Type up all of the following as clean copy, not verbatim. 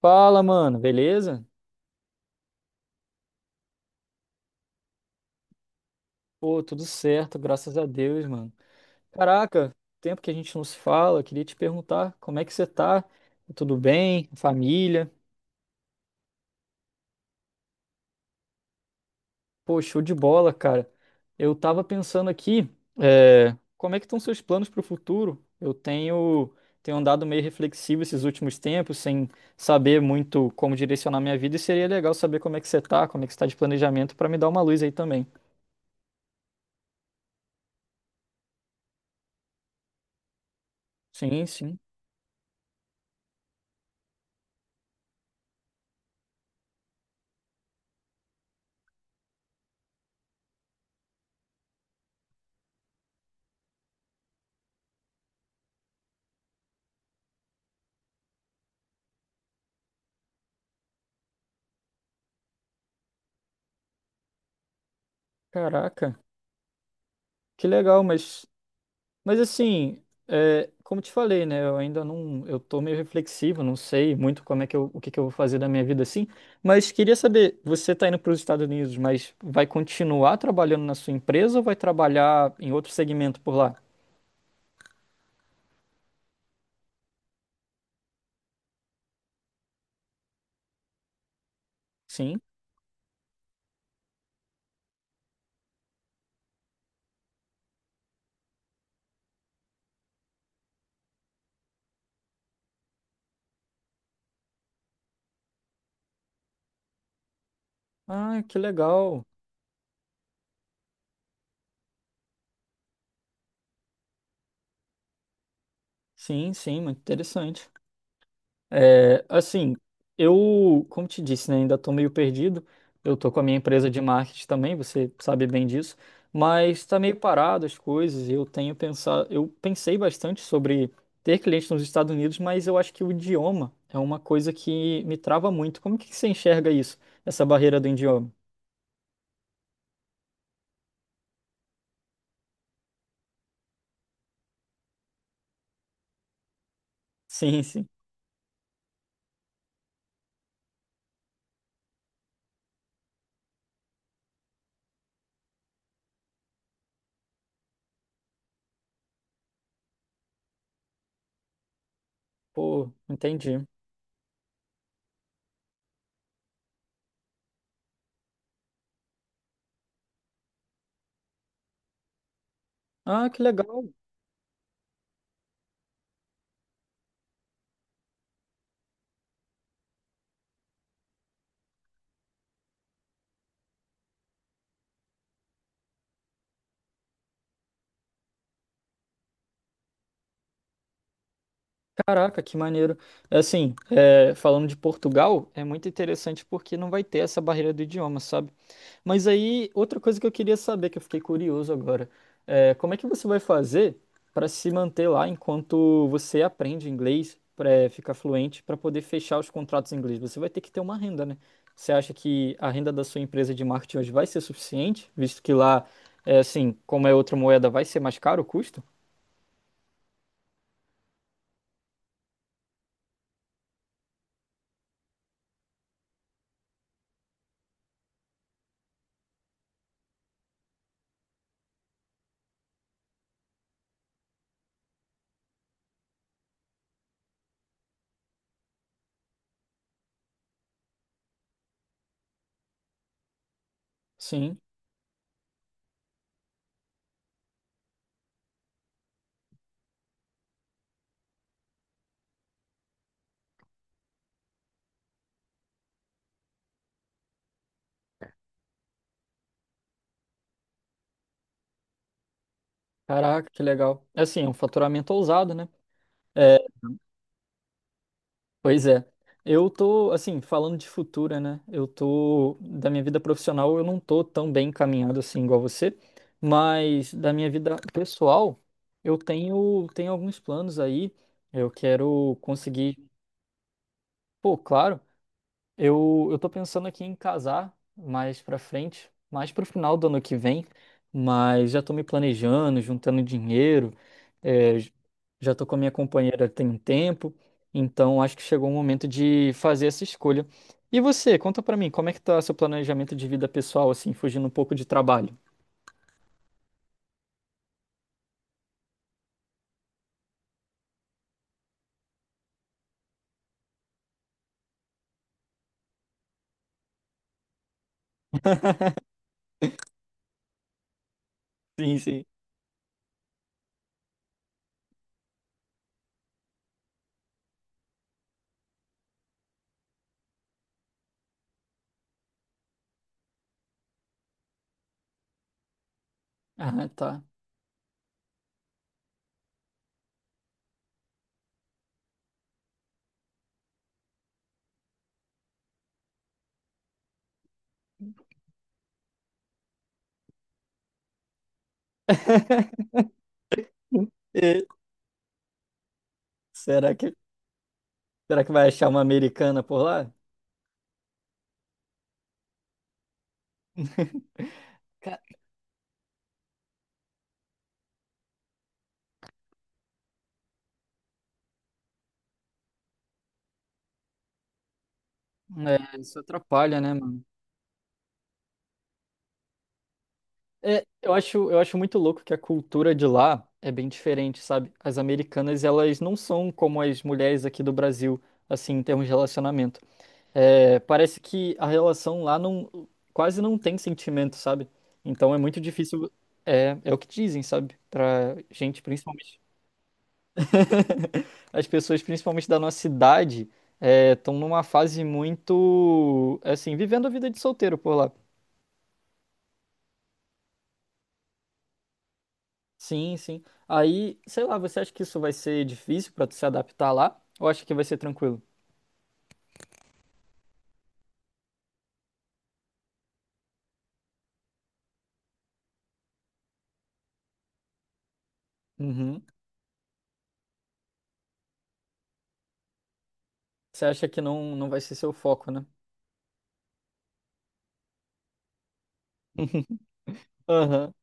Fala, mano, beleza? Pô, tudo certo, graças a Deus, mano. Caraca, tempo que a gente não se fala, queria te perguntar como é que você tá? Tudo bem? Família? Pô, show de bola, cara. Eu tava pensando aqui, é, Como é que estão seus planos pro futuro? Tenho andado meio reflexivo esses últimos tempos, sem saber muito como direcionar minha vida, e seria legal saber como é que você tá, como é que você tá de planejamento, pra me dar uma luz aí também. Sim, sim. Caraca, que legal, mas... Mas assim, como te falei, né? Eu tô meio reflexivo, não sei muito como é que o que que eu vou fazer da minha vida assim. Mas queria saber, você tá indo para os Estados Unidos, mas vai continuar trabalhando na sua empresa ou vai trabalhar em outro segmento por lá? Sim. Ah, que legal. Sim, sim, muito interessante. É, assim, eu, como te disse, né, ainda estou meio perdido. Eu estou com a minha empresa de marketing também, você sabe bem disso, mas está meio parado as coisas. Eu pensei bastante sobre ter clientes nos Estados Unidos, mas eu acho que o idioma é uma coisa que me trava muito. Como que você enxerga isso, essa barreira do idioma? Sim, sim. Pô, entendi. Ah, que legal. Caraca, que maneiro. É assim, é, falando de Portugal, é muito interessante porque não vai ter essa barreira do idioma, sabe? Mas aí, outra coisa que eu queria saber, que eu fiquei curioso agora, é como é que você vai fazer para se manter lá enquanto você aprende inglês, para ficar fluente, para poder fechar os contratos em inglês? Você vai ter que ter uma renda, né? Você acha que a renda da sua empresa de marketing hoje vai ser suficiente, visto que lá, é, assim, como é outra moeda, vai ser mais caro o custo? Sim. Caraca, que legal. É assim, é um faturamento ousado, né? É, pois é. Eu tô, assim, falando de futura, né? Eu tô, da minha vida profissional, eu não tô tão bem encaminhado assim igual você, mas da minha vida pessoal, tenho alguns planos aí. Eu quero conseguir, pô, claro. Eu tô pensando aqui em casar mais pra frente, mais pro final do ano que vem, mas já tô me planejando, juntando dinheiro, é, j- já tô com a minha companheira tem um tempo, então acho que chegou o momento de fazer essa escolha. E você, conta pra mim, como é que tá seu planejamento de vida pessoal, assim, fugindo um pouco de trabalho? Sim, sim. Ah, tá. E será que, será que vai achar uma americana por lá? Ca- É, isso atrapalha, né, mano? É, eu acho muito louco que a cultura de lá é bem diferente, sabe? As americanas, elas não são como as mulheres aqui do Brasil, assim, em termos de relacionamento. É, parece que a relação lá não, quase não tem sentimento, sabe? Então é muito difícil, é o que dizem, sabe? Pra gente, principalmente. As pessoas, principalmente da nossa idade, estão numa fase muito, assim, vivendo a vida de solteiro por lá. Sim, sim. Aí, sei lá, você acha que isso vai ser difícil pra tu se adaptar lá? Ou acha que vai ser tranquilo? Uhum. Você acha que não vai ser seu foco, né? Aham.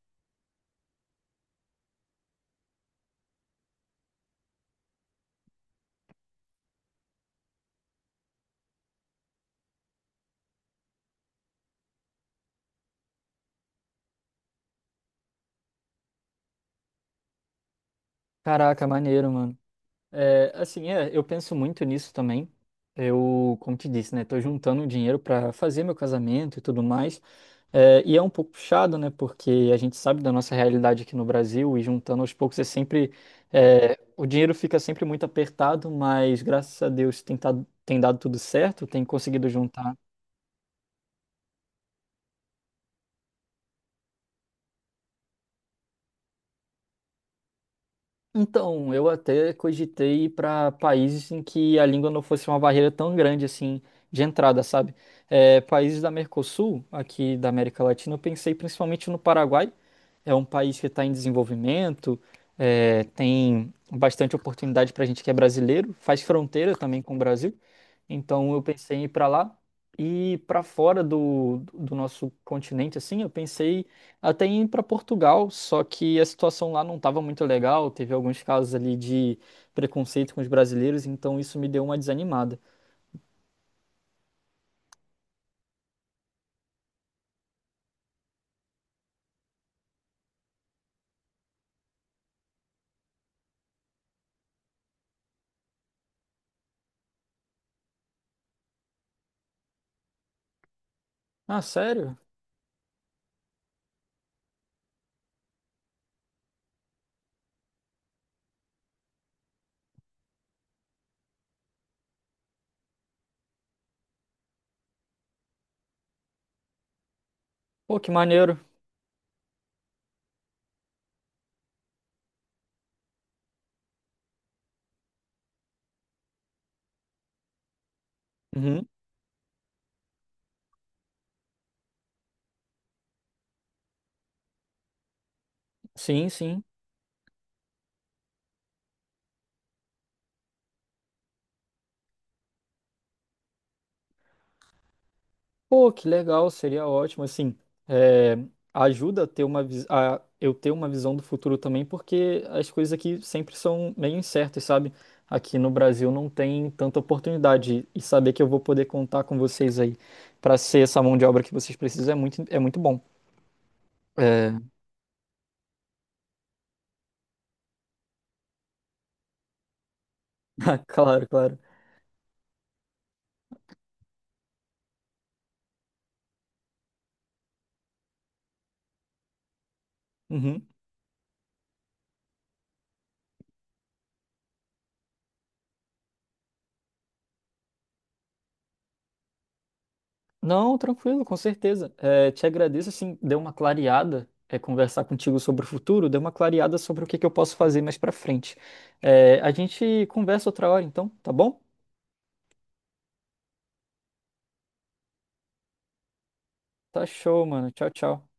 Caraca, maneiro, mano. É, assim, é, eu penso muito nisso também. Eu, como te disse, né? Tô juntando dinheiro pra fazer meu casamento e tudo mais. É, e é um pouco puxado, né? Porque a gente sabe da nossa realidade aqui no Brasil e juntando aos poucos é sempre... é, o dinheiro fica sempre muito apertado, mas graças a Deus tem dado tudo certo, tem conseguido juntar. Então, eu até cogitei ir para países em que a língua não fosse uma barreira tão grande assim de entrada, sabe? É, países da Mercosul, aqui da América Latina, eu pensei principalmente no Paraguai. É um país que está em desenvolvimento, é, tem bastante oportunidade para a gente que é brasileiro, faz fronteira também com o Brasil. Então, eu pensei em ir para lá. E para fora do nosso continente, assim, eu pensei até ir para Portugal, só que a situação lá não estava muito legal, teve alguns casos ali de preconceito com os brasileiros, então isso me deu uma desanimada. Ah, sério? Pô, que maneiro. Uhum. Sim, sim. Pô, que legal, seria ótimo, assim, é, ajuda a ter a eu ter uma visão do futuro também, porque as coisas aqui sempre são meio incertas, sabe? Aqui no Brasil não tem tanta oportunidade, e saber que eu vou poder contar com vocês aí para ser essa mão de obra que vocês precisam é muito bom. É, ah, claro, claro. Uhum. Não, tranquilo, com certeza. É, te agradeço, assim, deu uma clareada, é, conversar contigo sobre o futuro, deu uma clareada sobre o que que eu posso fazer mais pra frente. É, a gente conversa outra hora, então, tá bom? Tá show, mano. Tchau, tchau.